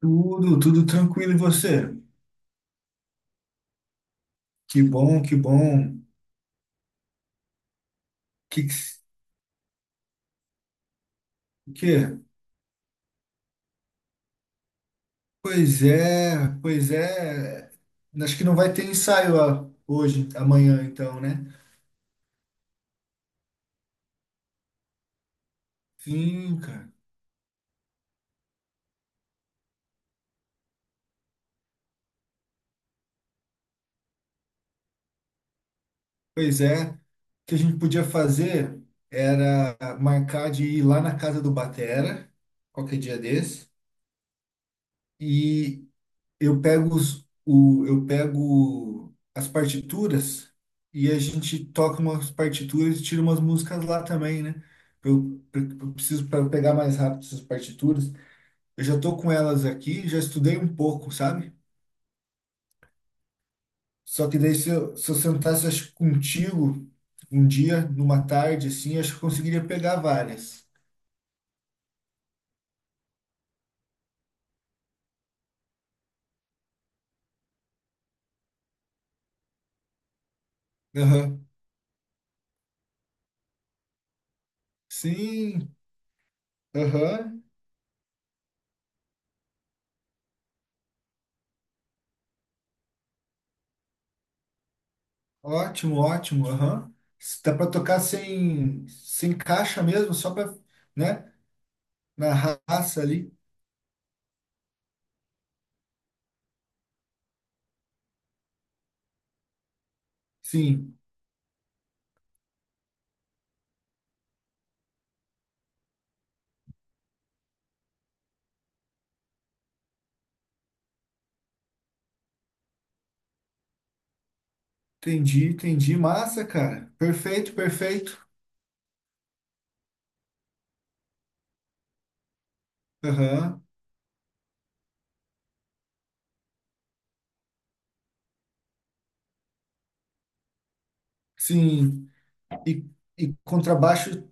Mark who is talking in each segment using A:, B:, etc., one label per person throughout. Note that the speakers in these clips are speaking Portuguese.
A: Tudo, tudo tranquilo e você? Que bom, que bom. Que, que? Pois é, pois é. Acho que não vai ter ensaio hoje, amanhã, então, né? Sim, cara. Pois é. O que a gente podia fazer era marcar de ir lá na casa do Batera, qualquer dia desse, e, eu pego eu pego as partituras e a gente toca umas partituras e tira umas músicas lá também, né? Eu preciso para pegar mais rápido essas partituras. Eu já tô com elas aqui, já estudei um pouco, sabe? Só que daí se eu sentasse acho, que contigo um dia, numa tarde assim, acho que eu conseguiria pegar várias. Aham. Sim, aham. Ótimo, ótimo. Aham. Dá para tocar sem caixa mesmo, só para, né, na raça ali. Sim, entendi, entendi. Massa, cara. Perfeito, perfeito. Aham. Sim. E, e contrabaixo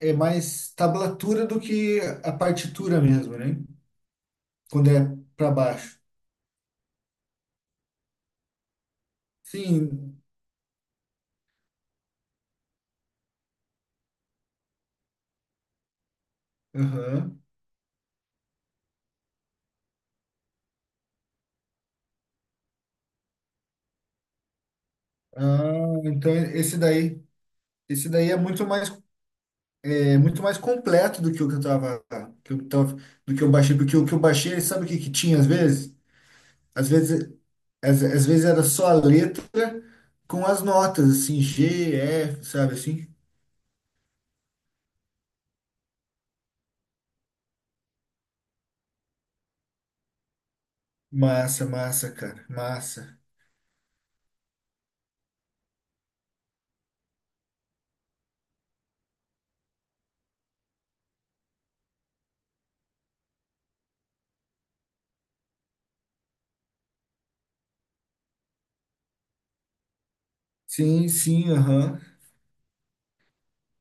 A: é mais tablatura do que a partitura mesmo, né? Quando é para baixo. Sim. Aham. Ah, então esse daí é muito mais. É muito mais completo do que o que eu tava, que eu tava, do que eu baixei, porque o que eu baixei, sabe o que que tinha às vezes? Às vezes, às vezes era só a letra com as notas, assim, G, F, sabe assim? Massa, massa, cara, massa. Sim, sim, aham.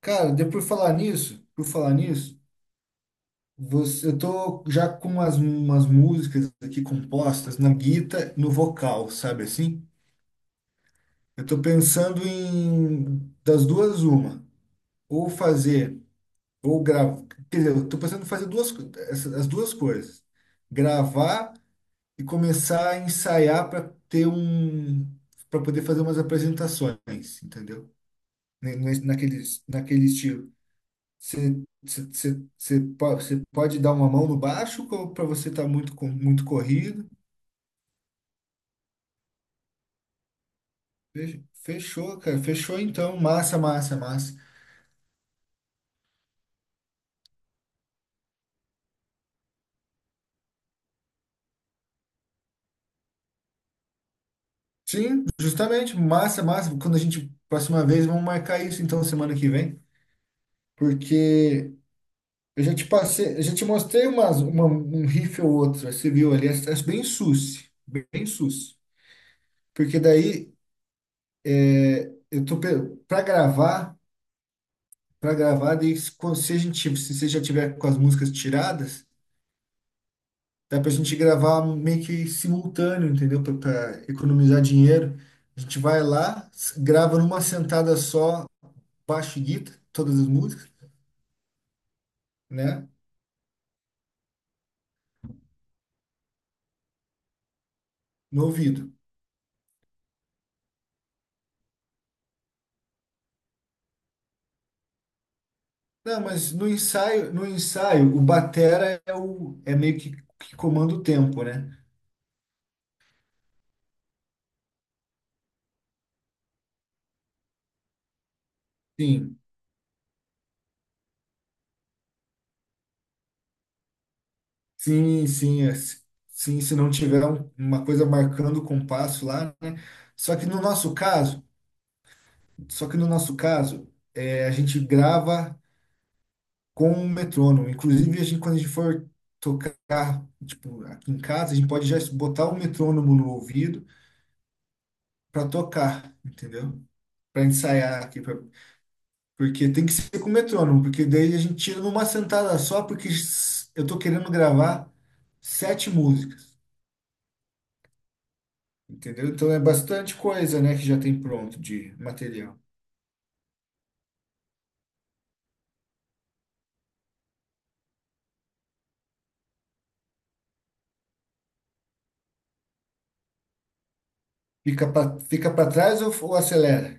A: Cara, por falar nisso, você, eu tô já com umas músicas aqui compostas na guita, no vocal, sabe assim? Eu tô pensando em das duas uma, ou fazer. Ou gravar. Quer dizer, eu tô pensando em fazer essa- as duas coisas. Gravar e começar a ensaiar para ter um. Para poder fazer umas apresentações, entendeu? Naquele, naquele estilo. Você pode dar uma mão no baixo ou para você estar muito corrido. Fechou, cara. Fechou então. Massa, massa, massa. Sim, justamente. Massa, massa. Quando a gente. Próxima vez, vamos marcar isso então semana que vem. Porque eu já te passei, eu já te mostrei um riff ou outro, você viu ali, é, é bem sus, bem sus. Porque daí eu tô para gravar, daí se a gente, se você já tiver com as músicas tiradas, dá pra gente gravar meio que simultâneo, entendeu? Pra economizar dinheiro. A gente vai lá, grava numa sentada só, baixo e guitarra, todas as músicas, né? No ouvido. Não, mas no ensaio, o batera é o é meio que comanda o tempo, né? Sim, sim, sim, é, sim. Se não tiver uma coisa marcando o compasso lá, né? Só que no nosso caso, só que no nosso caso, é, a gente grava com um metrônomo. Inclusive, a gente, quando a gente for tocar, tipo, aqui em casa, a gente pode já botar o metrônomo no ouvido para tocar, entendeu? Para ensaiar aqui, porque tem que ser com metrônomo, porque daí a gente tira numa sentada só, porque eu tô querendo gravar sete músicas, entendeu? Então é bastante coisa, né, que já tem pronto de material. Fica para trás ou acelera?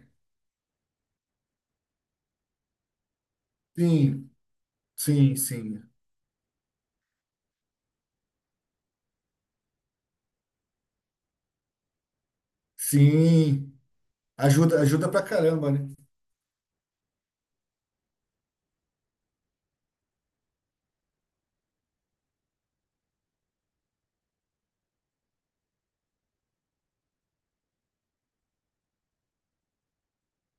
A: Sim, sim, sim. Sim, ajuda, ajuda pra caramba, né?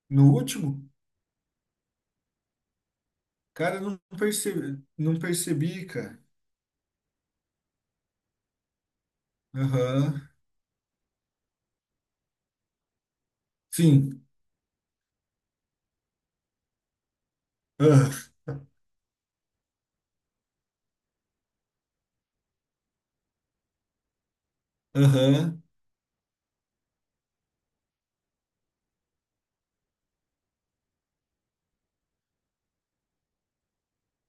A: No último, cara, eu não percebi, não percebi, cara. Aham. Sim. Ah, aham.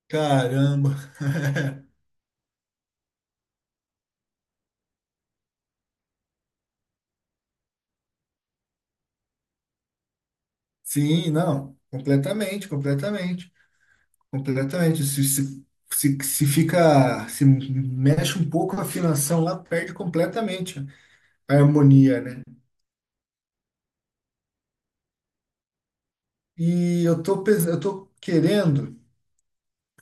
A: Caramba. Sim, não, completamente, completamente, completamente. Se, se fica, se mexe um pouco a afinação lá, perde completamente a harmonia, né? E eu tô, eu tô querendo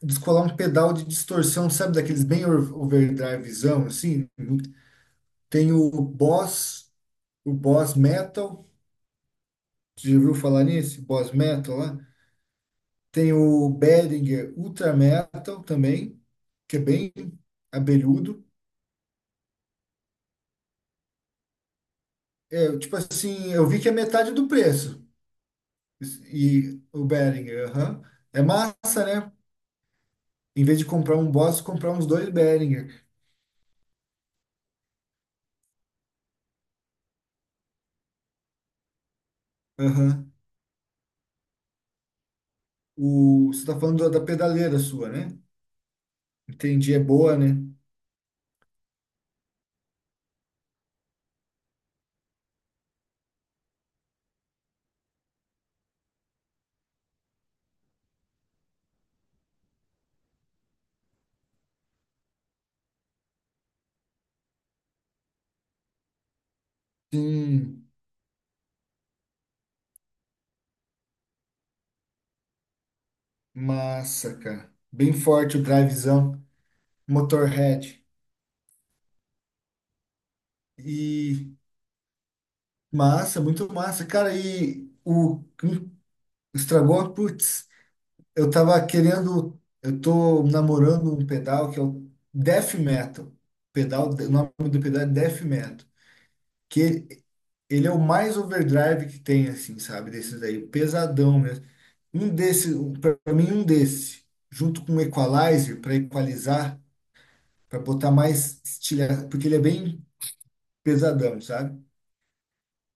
A: descolar um pedal de distorção, sabe, daqueles bem overdrivezão, assim. Tem o Boss Metal, você já ouviu falar nisso? Boss Metal lá. Tem o Behringer Ultra Metal também, que é bem abelhudo. Eu, tipo assim, eu vi que é metade do preço. E o Behringer, aham. É massa, né? Em vez de comprar um Boss, comprar uns dois Behringer. Aham. O, você tá falando da pedaleira sua, né? Entendi, é boa, né? Sim, massa, cara. Bem forte o drivezão, Motorhead. E massa, muito massa. Cara, e o hum, estragou? Putz. Eu tava querendo. Eu tô namorando um pedal que é o Death Metal. Pedal, o nome do pedal é Death Metal. Que ele é o mais overdrive que tem, assim, sabe? Desses aí, pesadão mesmo. Um desse, para mim, um desse, junto com um equalizer, para equalizar, para botar mais estilha, porque ele é bem pesadão, sabe?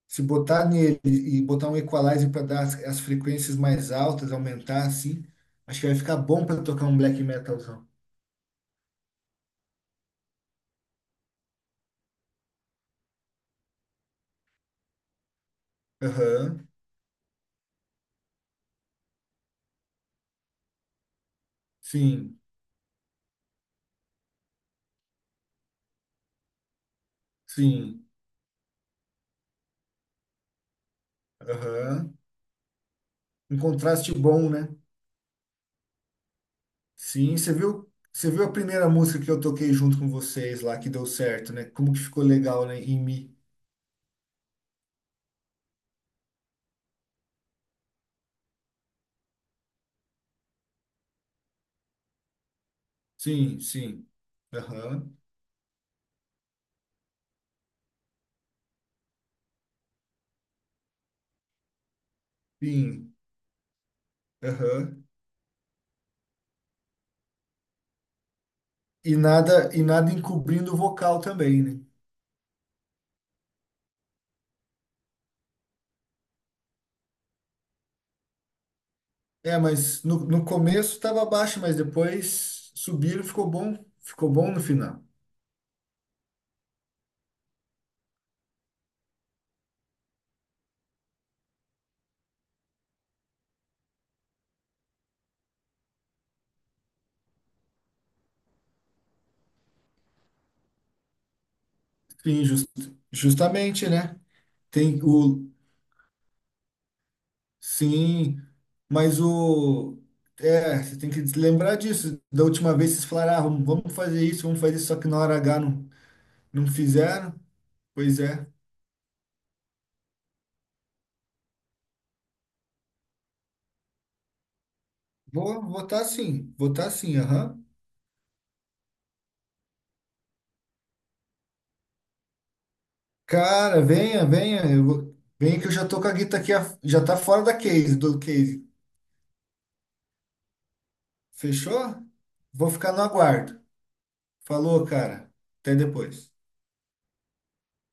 A: Se botar nele e botar um equalizer para dar as, as frequências mais altas, aumentar assim, acho que vai ficar bom para tocar um black metalzão. Aham, sim, sim. Aham. Um contraste bom, né? Sim, você viu a primeira música que eu toquei junto com vocês lá, que deu certo, né? Como que ficou legal, né? Em mim. Sim, sim. Aham, sim. Aham. E nada encobrindo o vocal também, né? É, mas no, no começo tava baixo, mas depois subiram, ficou bom. Ficou bom no final. Sim, jus- justamente, né? Tem o, sim, mas o. É, você tem que lembrar disso. Da última vez vocês falaram, ah, vamos fazer isso, só que na hora H não, não fizeram. Pois é. Vou votar sim, aham. Cara, venha, venha. Eu vou... Venha que eu já tô com a guita aqui, já tá fora da case, do case. Fechou? Vou ficar no aguardo. Falou, cara. Até depois.